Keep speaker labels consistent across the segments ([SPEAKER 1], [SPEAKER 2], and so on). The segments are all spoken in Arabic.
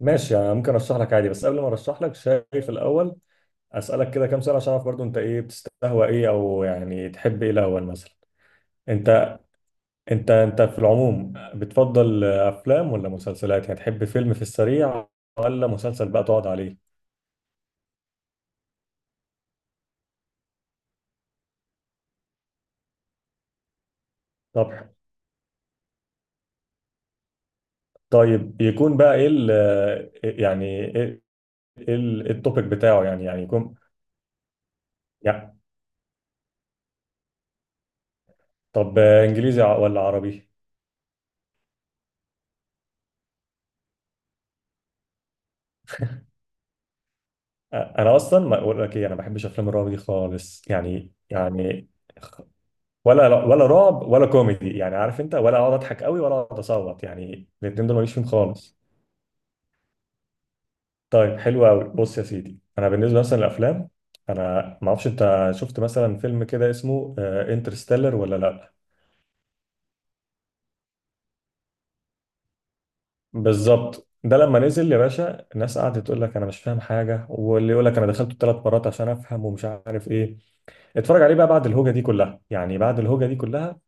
[SPEAKER 1] ماشي، يعني ممكن ارشح لك عادي. بس قبل ما ارشح لك شايف الاول اسالك كده كام سؤال عشان اعرف برضو انت ايه بتستهوى، ايه، او يعني تحب ايه الاول. مثلا انت انت في العموم بتفضل افلام ولا مسلسلات؟ يعني تحب فيلم في السريع، ولا مسلسل بقى تقعد عليه؟ طب طيب يكون بقى ايه ال... يعني ايه؟ التوبيك بتاعه يعني يكون يعني. انجليزي ولا عربي؟ انا اصلا ما اقول لك ايه، انا ما بحبش افلام الرعب دي خالص، يعني يعني ولا رعب ولا كوميدي، يعني عارف انت، ولا اقعد اضحك قوي ولا اقعد اصوت، يعني الاثنين دول ماليش فيهم خالص. طيب حلو قوي. بص يا سيدي، انا بالنسبه مثلا للافلام، انا ما اعرفش انت شفت مثلا فيلم كده اسمه انترستيلر ولا لا؟ بالظبط، ده لما نزل يا باشا الناس قعدت تقول لك انا مش فاهم حاجه، واللي يقول لك انا دخلته 3 مرات عشان افهم ومش عارف ايه. اتفرج عليه بقى بعد الهوجه دي كلها، يعني بعد الهوجه دي كلها.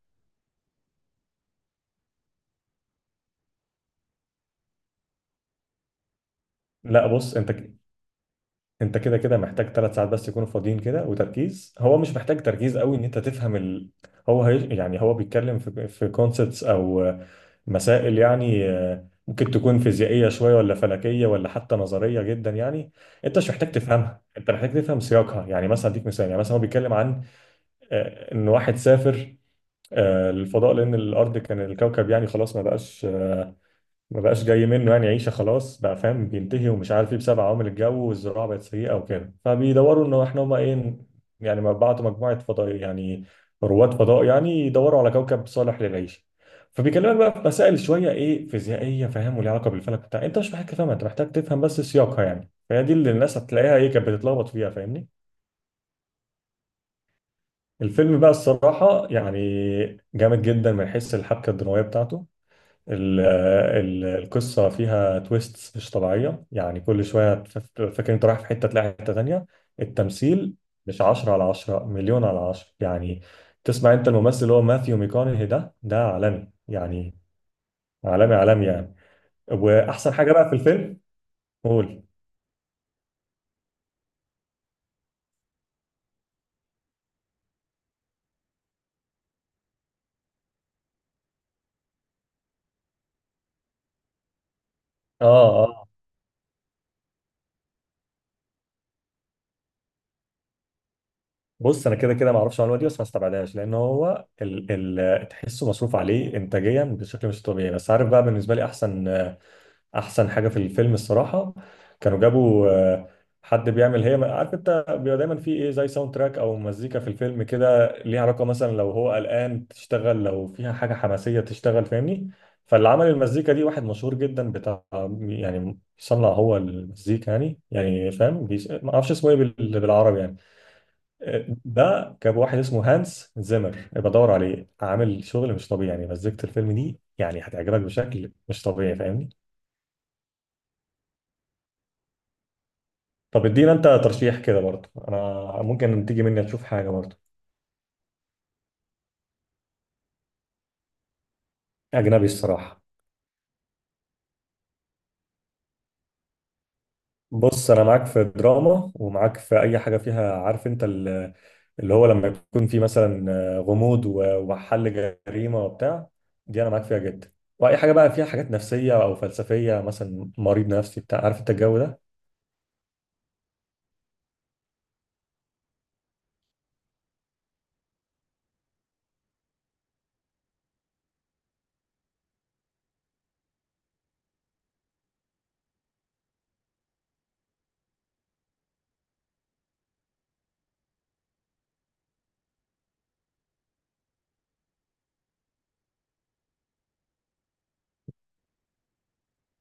[SPEAKER 1] لا، بص، انت كده كده محتاج 3 ساعات بس يكونوا فاضيين كده وتركيز. هو مش محتاج تركيز قوي ان انت تفهم ال... يعني هو بيتكلم في كونسبتس او مسائل، يعني ممكن تكون فيزيائيه شويه، ولا فلكيه، ولا حتى نظريه جدا يعني. انت مش محتاج تفهمها، انت محتاج تفهم سياقها. يعني مثلا اديك مثال، يعني مثلا هو بيتكلم عن ان واحد سافر للفضاء، لان الارض كان الكوكب يعني خلاص ما بقاش جاي منه، يعني عيشه خلاص بقى فاهم بينتهي ومش عارف ايه، بسبب عوامل الجو والزراعه بقت سيئه وكده. فبيدوروا انه احنا هما ايه، يعني ما بعتوا مجموعه فضاء يعني رواد فضاء يعني يدوروا على كوكب صالح للعيشه. فبيكلمك بقى في مسائل شويه ايه، فيزيائيه فاهم، وليها علاقه بالفلك بتاع. انت مش محتاج تفهمها، انت محتاج تفهم بس سياقها. يعني فهي دي اللي الناس هتلاقيها ايه، كانت بتتلخبط فيها، فاهمني. الفيلم بقى الصراحه يعني جامد جدا من حيث الحبكه الدراميه بتاعته. القصة فيها تويستس مش طبيعية، يعني كل شوية فاكر انت رايح في حتة تلاقي حتة تانية. التمثيل مش 10/10، 1000000/10 يعني. تسمع انت الممثل اللي هو ماثيو ميكونهي، ده عالمي يعني، عالمي عالمي يعني. واحسن حاجة بقى في الفيلم، قول. اه اه. بص، انا كده كده ما اعرفش المعلومه دي، بس ما استبعدهاش، لان هو ال تحسه مصروف عليه انتاجيا بشكل مش طبيعي. بس عارف بقى بالنسبه لي، احسن حاجه في الفيلم الصراحه، كانوا جابوا حد بيعمل، هي عارف انت بيبقى دايما في ايه زي ساوند تراك او مزيكا في الفيلم كده، ليها علاقه، مثلا لو هو قلقان تشتغل، لو فيها حاجه حماسيه تشتغل، فاهمني. فاللي عمل المزيكا دي واحد مشهور جدا بتاع، يعني صنع هو المزيكا يعني، يعني فاهم، ما اعرفش اسمه ايه بالعربي يعني. ده جاب واحد اسمه هانس زيمر، يبقى دور عليه، عامل شغل مش طبيعي، يعني مزيكة الفيلم دي يعني هتعجبك بشكل مش طبيعي، فاهمني. طب ادينا انت ترشيح كده برضه، انا ممكن تيجي مني تشوف حاجه برضه. اجنبي الصراحه. بص، انا معاك في دراما، ومعاك في اي حاجه فيها عارف انت ال-، اللي هو لما يكون في مثلا غموض وحل جريمه وبتاع، دي انا معاك فيها جدا. واي حاجه بقى فيها حاجات نفسيه او فلسفيه، مثلا مريض نفسي بتاع، عارف انت الجو ده.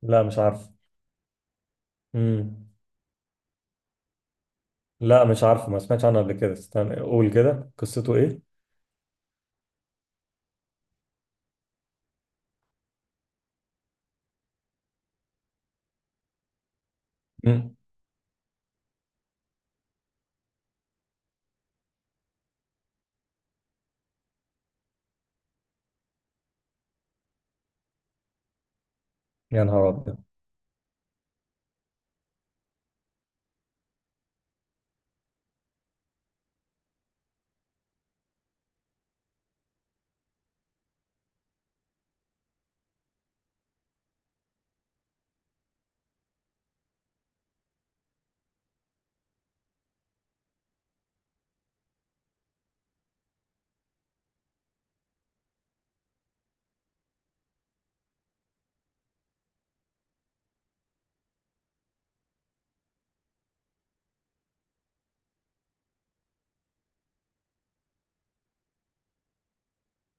[SPEAKER 1] لا مش عارف. امم. لا مش عارفه، ما سمعتش عنه قبل كده. استنى، قول كده قصته ايه. امم. يا نهار أبيض.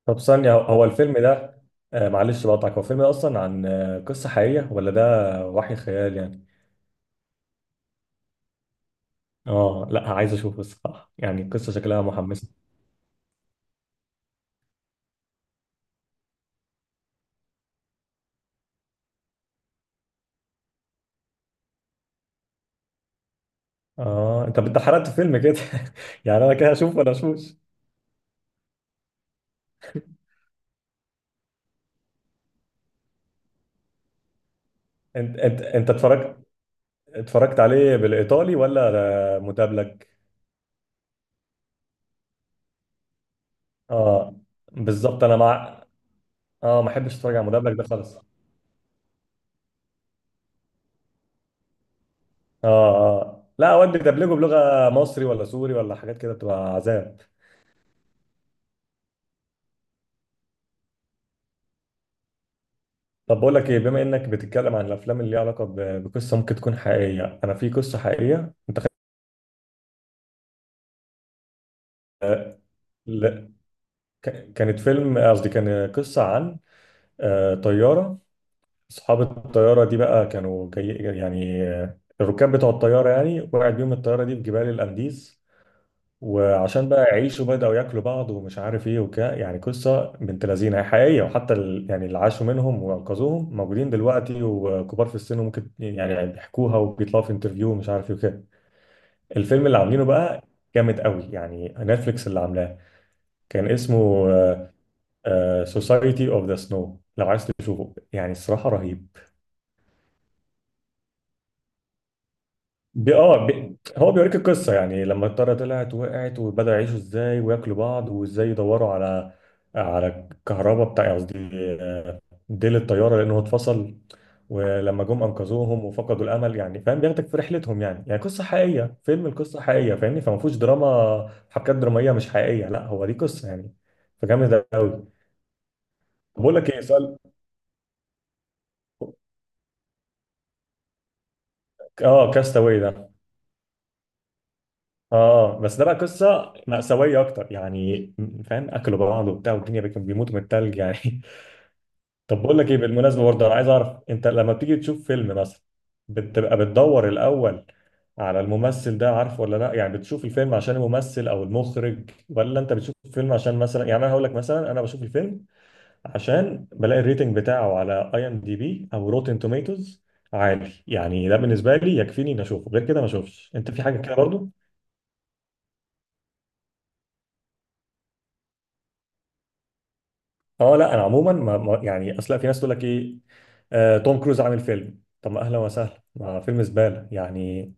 [SPEAKER 1] طب ثانية، هو الفيلم ده، آه معلش بقطعك، هو الفيلم ده أصلا عن آه قصة حقيقية، ولا ده وحي خيال يعني؟ آه لا، عايز أشوفه الصراحة، يعني قصة شكلها محمسة. آه، أنت حرقت فيلم كده. يعني أنا كده أشوف ولا أشوفش؟ أنت اتفرجت، عليه بالإيطالي، ولا ده مدبلج؟ آه بالظبط. أنا مع. آه، ما أحبش أتفرج على مدبلج ده خالص. آه آه لا، أود دبلجه بلغة مصري ولا سوري ولا حاجات كده بتبقى عذاب. طب بقول لك ايه، بما انك بتتكلم عن الافلام اللي ليها علاقه بقصه ممكن تكون حقيقيه، انا في قصه حقيقيه انت ل- كانت فيلم، قصدي كان قصه عن طياره. اصحاب الطياره دي بقى كانوا جاي يعني، الركاب بتوع الطياره يعني، وقعت بيهم الطياره دي في جبال الانديز، وعشان بقى يعيشوا بداوا ياكلوا بعض ومش عارف ايه وكده. يعني قصه بنت لذينه، هي حقيقيه، وحتى يعني اللي عاشوا منهم وانقذوهم موجودين دلوقتي وكبار في السن، وممكن يعني بيحكوها وبيطلعوا في انترفيو ومش عارف ايه وكده. الفيلم اللي عاملينه بقى جامد قوي يعني، نتفليكس اللي عاملاه، كان اسمه سوسايتي اوف ذا سنو. لو عايز تشوفه يعني، الصراحة رهيب. بي هو بيوريك القصة، يعني لما الطيارة طلعت وقعت وبدأوا يعيشوا ازاي وياكلوا بعض، وازاي يدوروا على على الكهرباء بتاع، قصدي ديل الطياره لانه اتفصل. ولما جم انقذوهم وفقدوا الامل يعني، فاهم بياخدك في رحلتهم يعني، يعني قصه حقيقيه فيلم القصه حقيقيه، فاهمني. فما فيهوش دراما حبكات دراميه مش حقيقيه، لا هو دي قصه يعني. فجامد قوي. بقول لك ايه، سؤال. اه، كاستاوي ده. اه بس ده بقى قصه مأساويه اكتر يعني، فاهم، اكلوا بعض وبتاع، والدنيا كانوا بيموتوا من التلج يعني. طب بقول لك ايه بالمناسبه برضه، انا عايز اعرف انت لما بتيجي تشوف فيلم مثلا بتبقى بتدور الاول على الممثل ده، عارفه ولا لا؟ يعني بتشوف الفيلم عشان الممثل او المخرج، ولا انت بتشوف الفيلم عشان مثلا، يعني انا هقول لك مثلا، انا بشوف الفيلم عشان بلاقي الريتنج بتاعه على اي ام دي بي او روتن توميتوز عالي يعني. ده بالنسبه لي يكفيني اني اشوفه، غير كده ما اشوفش. انت في حاجه كده برضه؟ اه لا، انا عموما يعني، اصل في ناس تقول لك ايه توم كروز عامل فيلم، طب ما اهلا وسهلا ما فيلم زباله يعني.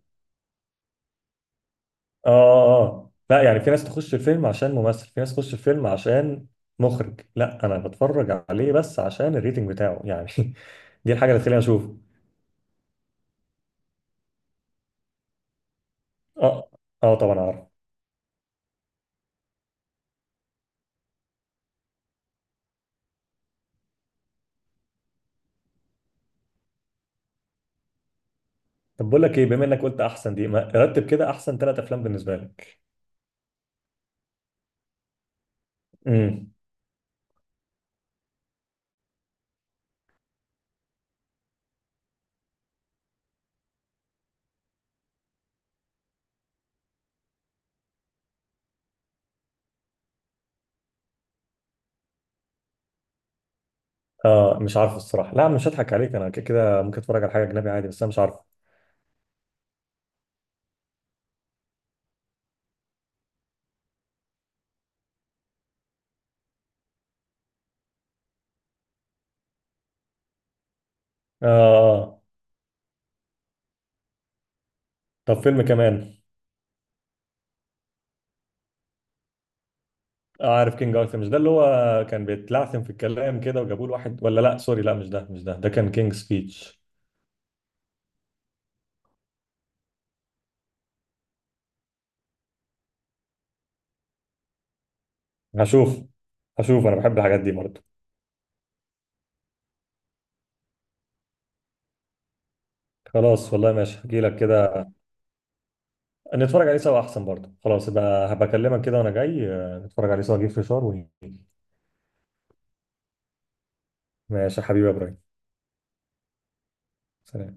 [SPEAKER 1] اه اه آه. لا يعني في ناس تخش الفيلم عشان ممثل، في ناس تخش الفيلم عشان مخرج. لا انا بتفرج عليه بس عشان الريتنج بتاعه يعني. دي الحاجه اللي تخليني اشوفه. اه اه طبعا عارف. طب بقول لك ايه، بما انك قلت احسن دي ما رتب كده احسن 3 افلام بالنسبه لك. امم. اه مش عارفه الصراحه، لا مش هضحك عليك، انا كده كده ممكن اتفرج على حاجه اجنبي عادي، بس انا مش عارفه. اه آه. طب فيلم كمان. آه عارف كينج ارثر. مش ده اللي هو كان بيتلعثم في الكلام كده وجابوا له واحد؟ ولا لا سوري، لا مش ده مش ده، ده كان كينج سبيتش. هشوف هشوف، انا بحب الحاجات دي برضه. خلاص والله، ماشي، هجي لك كده. نتفرج عليه سوا احسن برضه، خلاص يبقى هبكلمك كده وانا جاي، نتفرج عليه سوا، اجيب فشار ونيجي. ماشي يا حبيبي يا ابراهيم. سلام.